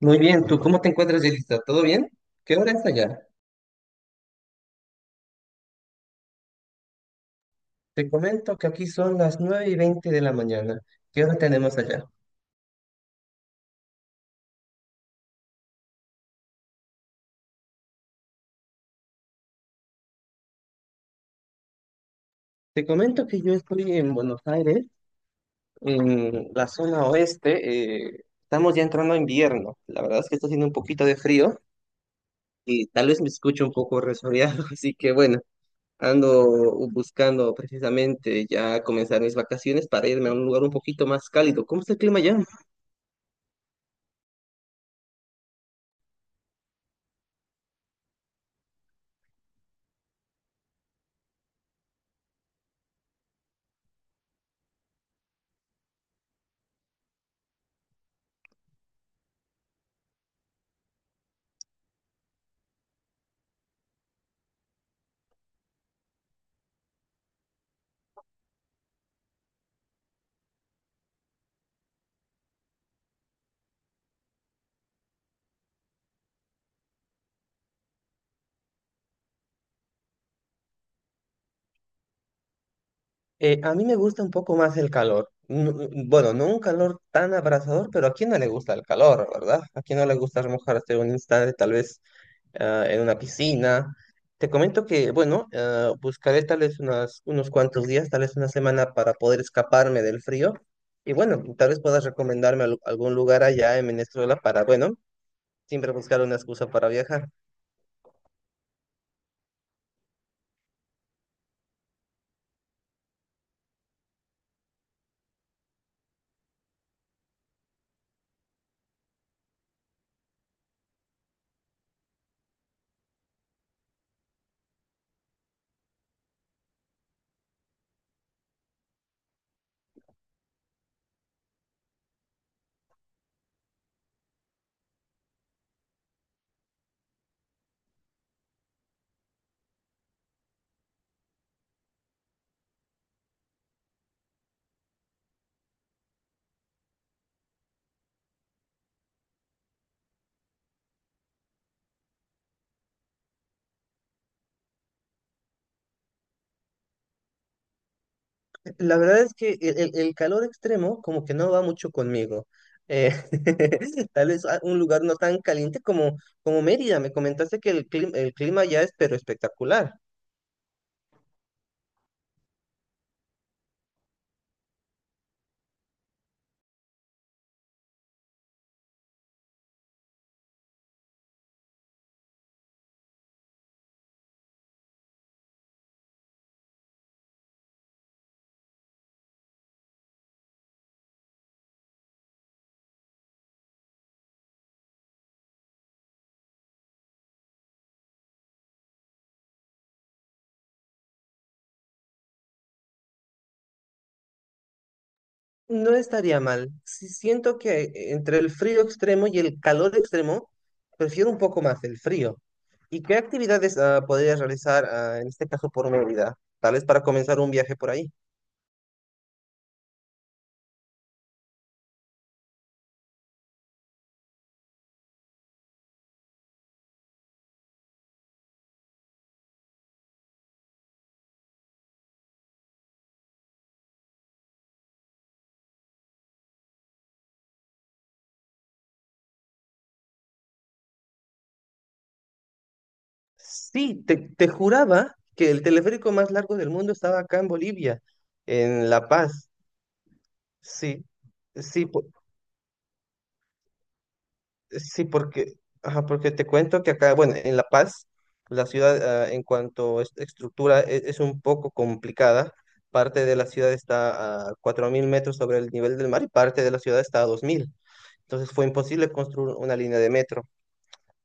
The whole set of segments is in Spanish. Muy bien, ¿tú cómo te encuentras, Yelitza? ¿Todo bien? ¿Qué hora es allá? Te comento que aquí son las 9:20 de la mañana. ¿Qué hora tenemos allá? Te comento que yo estoy en Buenos Aires, en la zona oeste. Estamos ya entrando a invierno. La verdad es que está haciendo un poquito de frío y tal vez me escucho un poco resfriado, así que bueno, ando buscando precisamente ya comenzar mis vacaciones para irme a un lugar un poquito más cálido. ¿Cómo está el clima allá? A mí me gusta un poco más el calor. Bueno, no un calor tan abrasador, pero ¿a quién no le gusta el calor, ¿verdad? ¿A quién no le gusta remojarse un instante, tal vez en una piscina? Te comento que, bueno, buscaré tal vez unos cuantos días, tal vez una semana para poder escaparme del frío. Y bueno, tal vez puedas recomendarme algún lugar allá en Venezuela para, bueno, siempre buscar una excusa para viajar. La verdad es que el calor extremo como que no va mucho conmigo. Eh, tal vez un lugar no tan caliente como Mérida. Me comentaste que el clima ya es pero espectacular. No estaría mal. Sí, siento que entre el frío extremo y el calor extremo, prefiero un poco más el frío. ¿Y qué actividades podrías realizar en este caso por Mérida? Tal vez para comenzar un viaje por ahí. Sí, te juraba que el teleférico más largo del mundo estaba acá en Bolivia, en La Paz. Sí, sí, sí, porque, ajá, porque te cuento que acá, bueno, en La Paz, la ciudad, en cuanto a estructura es, un poco complicada. Parte de la ciudad está a 4.000 metros sobre el nivel del mar y parte de la ciudad está a 2.000. Entonces fue imposible construir una línea de metro,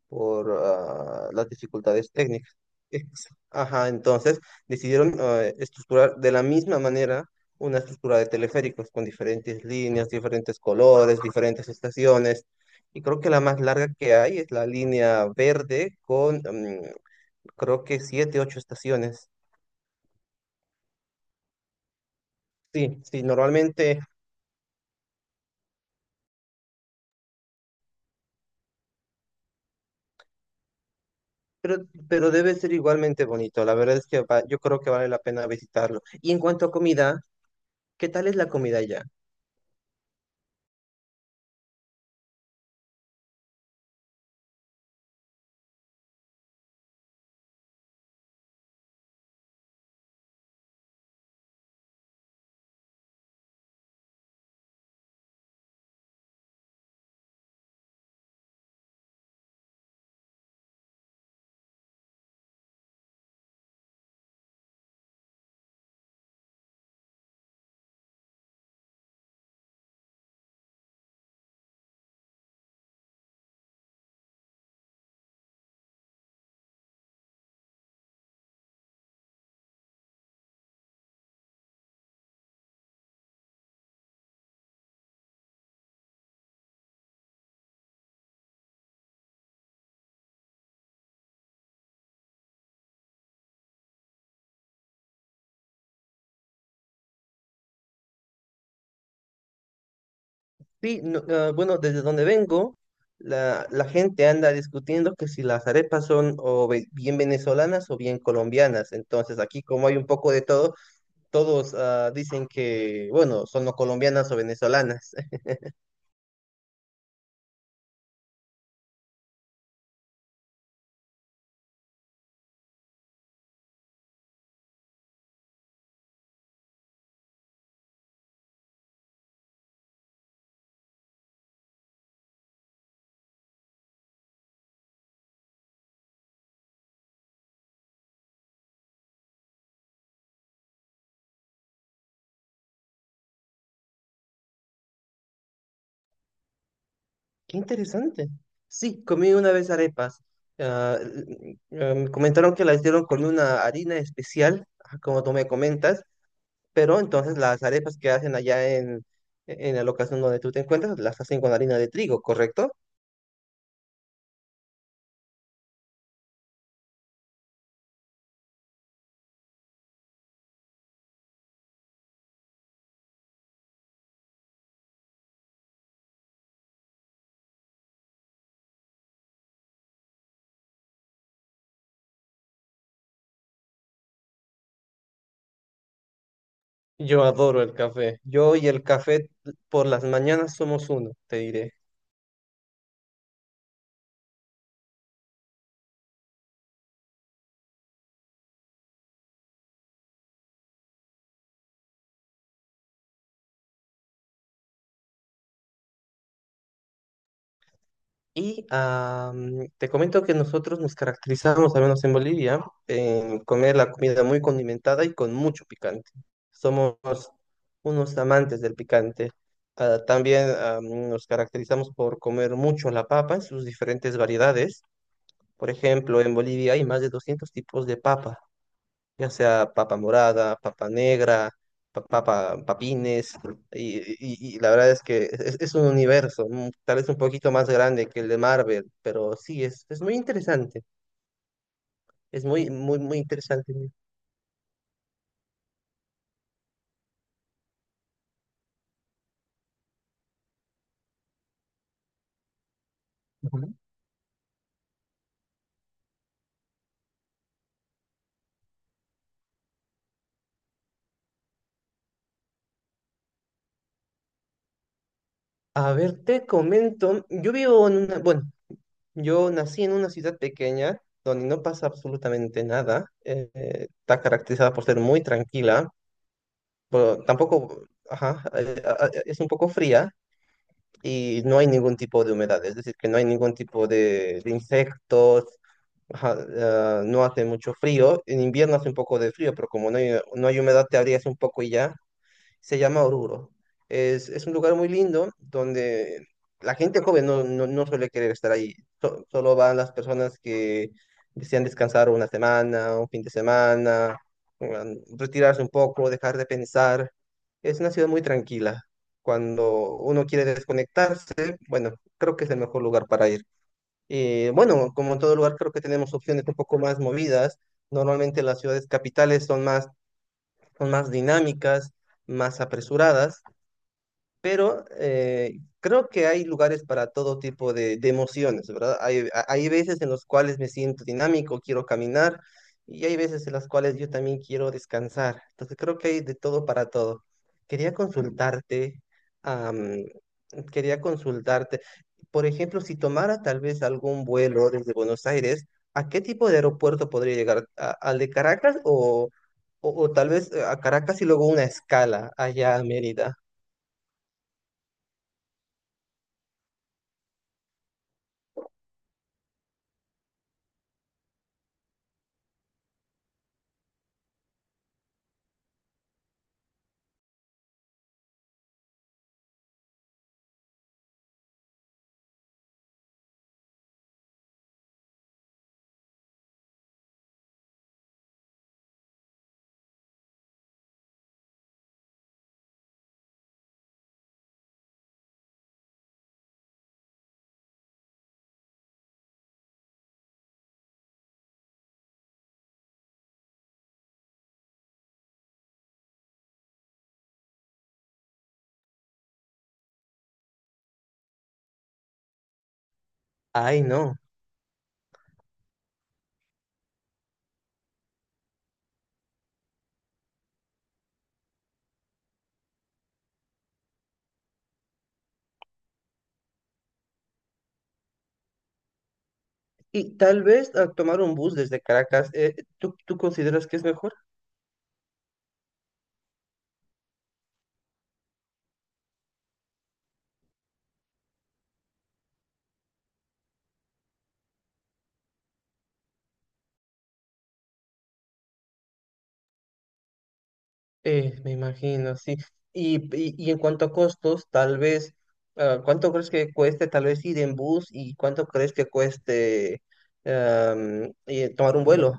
por las dificultades técnicas. Ajá, entonces decidieron estructurar de la misma manera una estructura de teleféricos con diferentes líneas, diferentes colores, diferentes estaciones. Y creo que la más larga que hay es la línea verde con creo que siete, ocho estaciones. Sí, sí, normalmente, pero, pero debe ser igualmente bonito. La verdad es que yo creo que vale la pena visitarlo. Y en cuanto a comida, ¿qué tal es la comida allá? Sí, no, bueno, desde donde vengo, la gente anda discutiendo que si las arepas son o bien venezolanas o bien colombianas. Entonces, aquí como hay un poco de todo, todos dicen que, bueno, son o colombianas o venezolanas. Qué interesante. Sí, comí una vez arepas. Me comentaron que las hicieron con una harina especial, como tú me comentas, pero entonces las arepas que hacen allá en, la locación donde tú te encuentras, las hacen con harina de trigo, ¿correcto? Yo adoro el café. Yo y el café por las mañanas somos uno, te diré. Y te comento que nosotros nos caracterizamos, al menos en Bolivia, en comer la comida muy condimentada y con mucho picante. Somos unos amantes del picante. Ah, también nos caracterizamos por comer mucho la papa en sus diferentes variedades. Por ejemplo, en Bolivia hay más de 200 tipos de papa, ya sea papa morada, papa negra, papa, papines, y la verdad es que es un universo, tal vez un poquito más grande que el de Marvel, pero sí, es muy interesante, es muy, muy, muy interesante. Ujú. A ver, te comento, yo vivo bueno, yo nací en una ciudad pequeña donde no pasa absolutamente nada, está caracterizada por ser muy tranquila, pero tampoco, ajá, es un poco fría, y no hay ningún tipo de humedad, es decir, que no hay ningún tipo de, insectos, ajá, no hace mucho frío, en invierno hace un poco de frío, pero como no hay, no hay humedad te abrías un poco y ya, se llama Oruro. Es un lugar muy lindo donde la gente joven no, no, no suele querer estar ahí. Solo van las personas que desean descansar una semana, un fin de semana, retirarse un poco, dejar de pensar. Es una ciudad muy tranquila. Cuando uno quiere desconectarse, bueno, creo que es el mejor lugar para ir. Bueno, como en todo lugar, creo que tenemos opciones un poco más movidas. Normalmente las ciudades capitales son más dinámicas, más apresuradas, pero creo que hay lugares para todo tipo de, emociones, ¿verdad? Hay veces en los cuales me siento dinámico, quiero caminar, y hay veces en las cuales yo también quiero descansar. Entonces creo que hay de todo para todo. Quería consultarte, am, quería consultarte, por ejemplo, si tomara tal vez algún vuelo desde Buenos Aires, ¿a qué tipo de aeropuerto podría llegar? Al de Caracas o, tal vez a Caracas y luego una escala allá a Mérida? Ay, no. Y tal vez a tomar un bus desde Caracas, ¿tú, consideras que es mejor? Me imagino, sí. y en cuanto a costos, tal vez, ¿cuánto crees que cueste tal vez ir en bus y cuánto crees que cueste tomar un vuelo?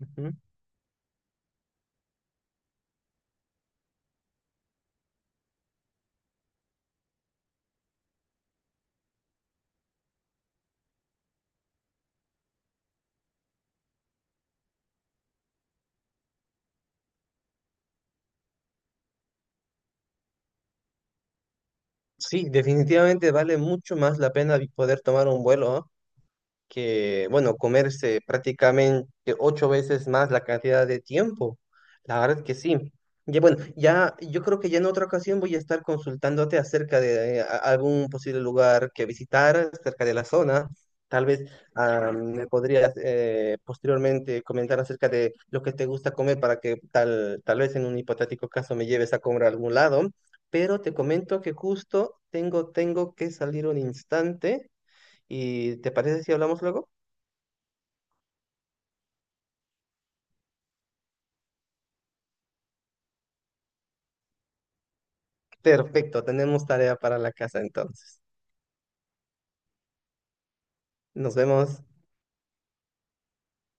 Ujú. Sí, definitivamente vale mucho más la pena poder tomar un vuelo, que, bueno, comerse prácticamente ocho veces más la cantidad de tiempo. La verdad que sí. Ya, bueno, ya, yo creo que ya en otra ocasión voy a estar consultándote acerca de algún posible lugar que visitar cerca de la zona. Tal vez me podrías posteriormente comentar acerca de lo que te gusta comer para que tal vez en un hipotético caso me lleves a comer a algún lado. Pero te comento que justo tengo que salir un instante. ¿Y te parece si hablamos luego? Perfecto, tenemos tarea para la casa entonces. Nos vemos.